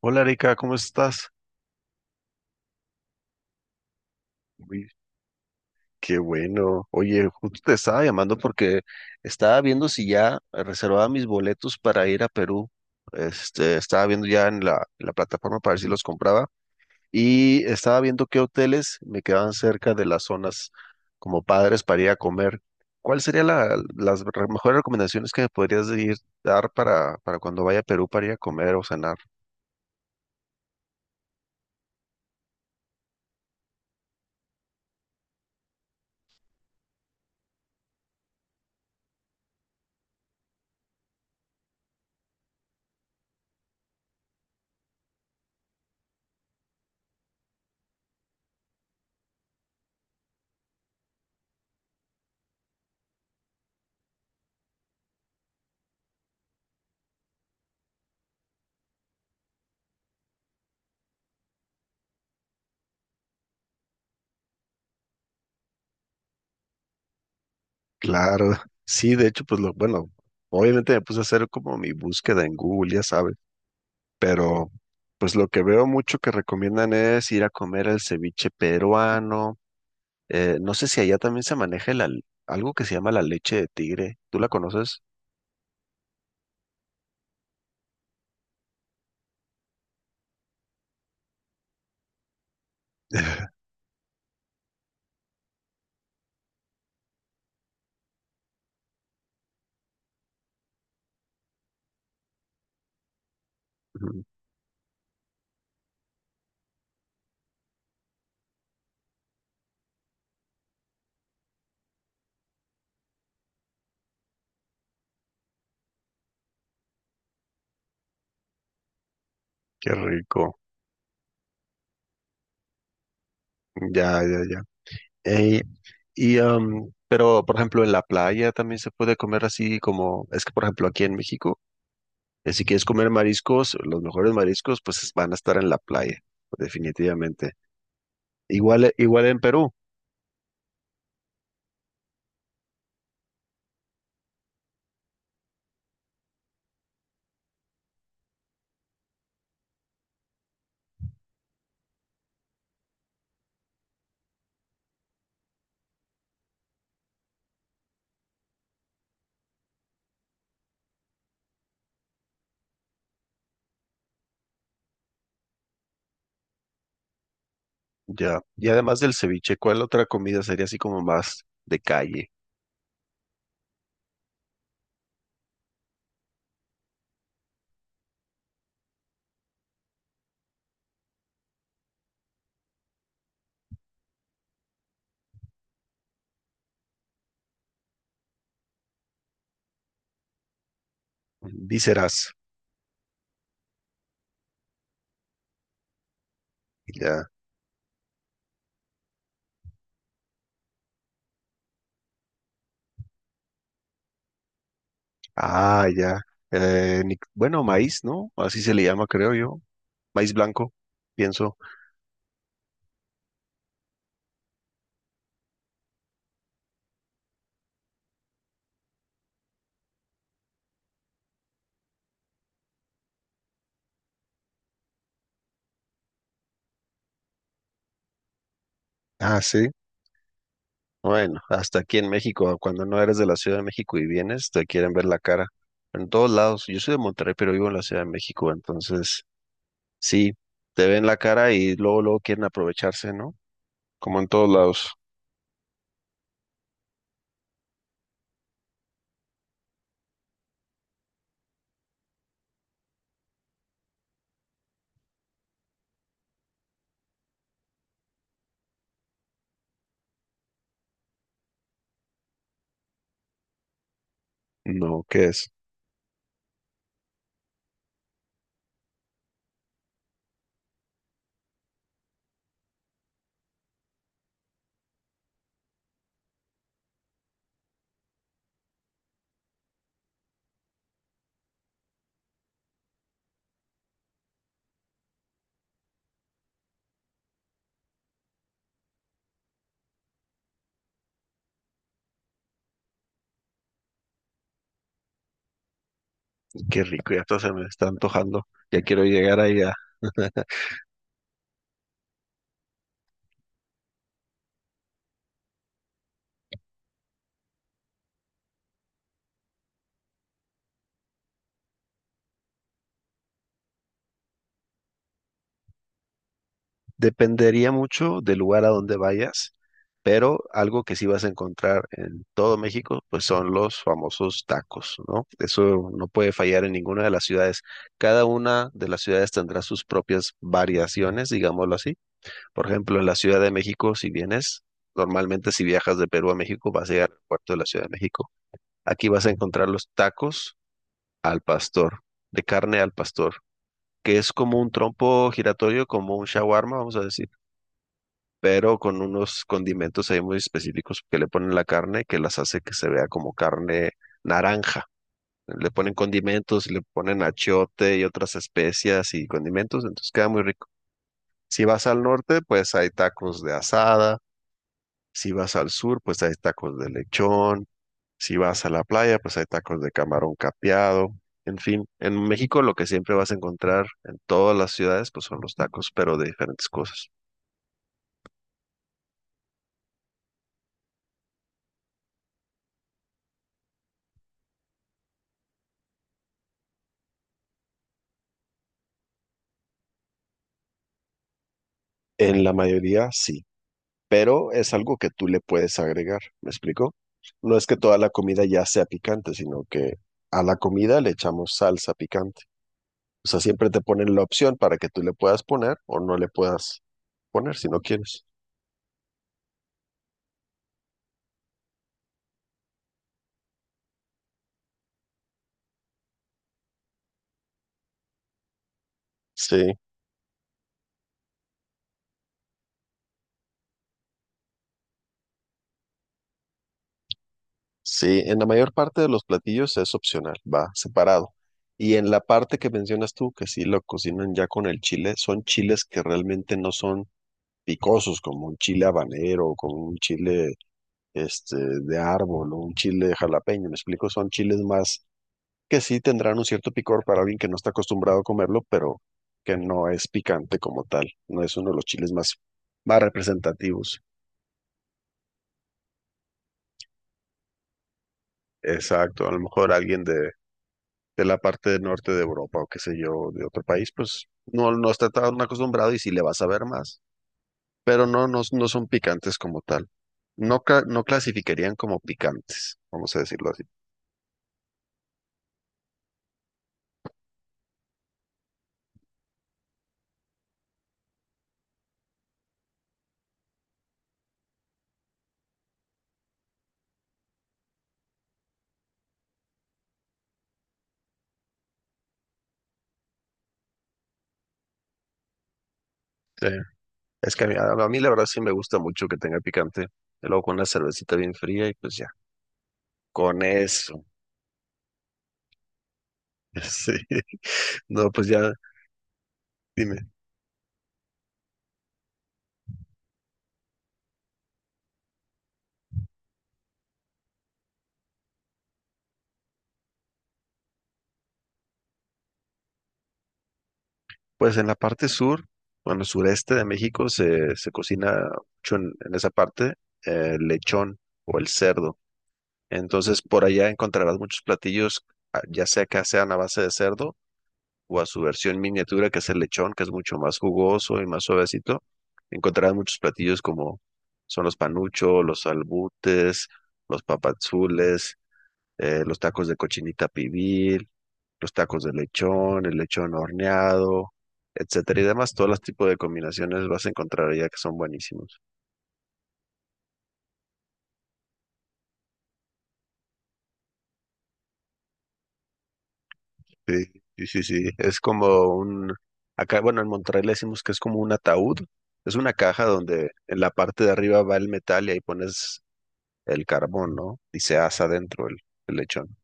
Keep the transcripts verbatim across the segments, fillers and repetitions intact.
Hola Erika, ¿cómo estás? Uy, qué bueno. Oye, justo te estaba llamando porque estaba viendo si ya reservaba mis boletos para ir a Perú. Este, estaba viendo ya en la, en la plataforma para ver si los compraba y estaba viendo qué hoteles me quedaban cerca de las zonas como padres para ir a comer. ¿Cuál sería la, las re- mejores recomendaciones que me podrías ir- dar para, para cuando vaya a Perú para ir a comer o cenar? Claro, sí, de hecho, pues lo, bueno, obviamente me puse a hacer como mi búsqueda en Google, ya sabes, pero pues lo que veo mucho que recomiendan es ir a comer el ceviche peruano. Eh, no sé si allá también se maneja el al- algo que se llama la leche de tigre. ¿Tú la conoces? Ujú. Qué rico. Ya, ya, ya. Ey, y, am, pero, por ejemplo, en la playa también se puede comer así como, es que, por ejemplo, aquí en México. Eh, Si quieres comer mariscos, los mejores mariscos, pues es- van a estar en la playa, definitivamente. Igual, e- igual en Perú, ya. Y además del ceviche, ¿cuál otra comida sería así como más de calle? Vísceras, ya. Ah, ya. Eh, ni- bueno, maíz, ¿no? Así se le llama, creo yo. Maíz blanco, pienso. Ah, sí. Bueno, hasta aquí en México, cuando no eres de la Ciudad de México y vienes, te quieren ver la cara. En todos lados. Yo soy de Monterrey, pero vivo en la Ciudad de México, entonces. Sí, te ven la cara y luego, luego quieren aprovecharse, ¿no? Como en todos lados. No, qué es. Qué rico, ya hasta se me está antojando. Ya quiero llegar allá. Dependería mucho del lugar a donde vayas, pero algo que sí vas a encontrar en todo México, pues son los famosos tacos, ¿no? Eso no puede fallar en ninguna de las ciudades. Cada una de las ciudades tendrá sus propias variaciones, digámoslo así. Por ejemplo, en la Ciudad de México, si vienes, normalmente si viajas de Perú a México, vas a llegar al puerto de la Ciudad de México. Aquí vas a encontrar los tacos al pastor, de carne al pastor, que es como un trompo giratorio, como un shawarma, vamos a decir, pero con unos condimentos ahí muy específicos que le ponen a la carne, que las hace que se vea como carne naranja. Le ponen condimentos, le ponen achiote y otras especias y condimentos, entonces queda muy rico. Si vas al norte, pues hay tacos de asada. Si vas al sur, pues hay tacos de lechón. Si vas a la playa, pues hay tacos de camarón capeado. En fin, en México lo que siempre vas a encontrar en todas las ciudades, pues son los tacos, pero de diferentes cosas. En la mayoría sí, pero es algo que tú le puedes agregar, ¿me explico? No es que toda la comida ya sea picante, sino que a la comida le echamos salsa picante. O sea, siempre te ponen la opción para que tú le puedas poner o no le puedas poner si no quieres. Sí. Sí, en la mayor parte de los platillos es opcional, va separado. Y en la parte que mencionas tú, que sí lo cocinan ya con el chile, son chiles que realmente no son picosos, como un chile habanero, o como un chile este, de árbol o un chile jalapeño, me explico, son chiles más que sí tendrán un cierto picor para alguien que no está acostumbrado a comerlo, pero que no es picante como tal, no es uno de los chiles más, más representativos. Exacto, a lo mejor alguien de de la parte del norte de Europa o qué sé yo, de otro país, pues no, no está tan acostumbrado y si le vas a ver más, pero no, no, no son picantes como tal. No, ca- no clasificarían como picantes, vamos a decirlo así. Sí. Es que a mí, a- a mí la verdad sí me gusta mucho que tenga picante. Y luego con una cervecita bien fría y pues ya, con eso. Sí. No, pues ya, dime. Pues en la parte sur, bueno, sureste de México se, se cocina mucho en, en esa parte eh, el lechón o el cerdo. Entonces, por allá encontrarás muchos platillos, ah, ya sea que sean a base de cerdo o a su versión miniatura, que es el lechón, que es mucho más jugoso y más suavecito. Encontrarás muchos platillos como son los panuchos, los albutes, los papazules, eh, los tacos de cochinita pibil, los tacos de lechón, el lechón horneado, etcétera y demás. Todos los tipos de combinaciones vas a encontrar allá que son buenísimos. Sí, sí, sí, sí. Es como un, acá, bueno, en Monterrey le decimos que es como un ataúd. Es una caja donde en la parte de arriba va el metal y ahí pones el carbón, ¿no? Y se asa dentro el, el lechón.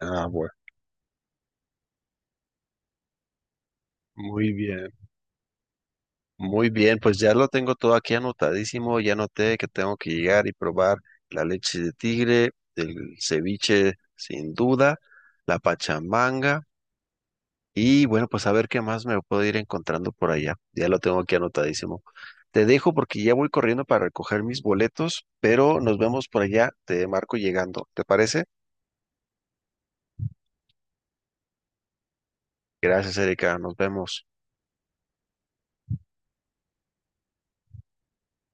Ah, bueno. Muy bien. Muy bien, pues ya lo tengo todo aquí anotadísimo. Ya noté que tengo que llegar y probar la leche de tigre, el ceviche sin duda, la pachamanga. Y bueno, pues a ver qué más me puedo ir encontrando por allá. Ya lo tengo aquí anotadísimo. Te dejo porque ya voy corriendo para recoger mis boletos, pero nos vemos por allá. Te marco llegando. ¿Te parece? Gracias, Erika. Nos vemos.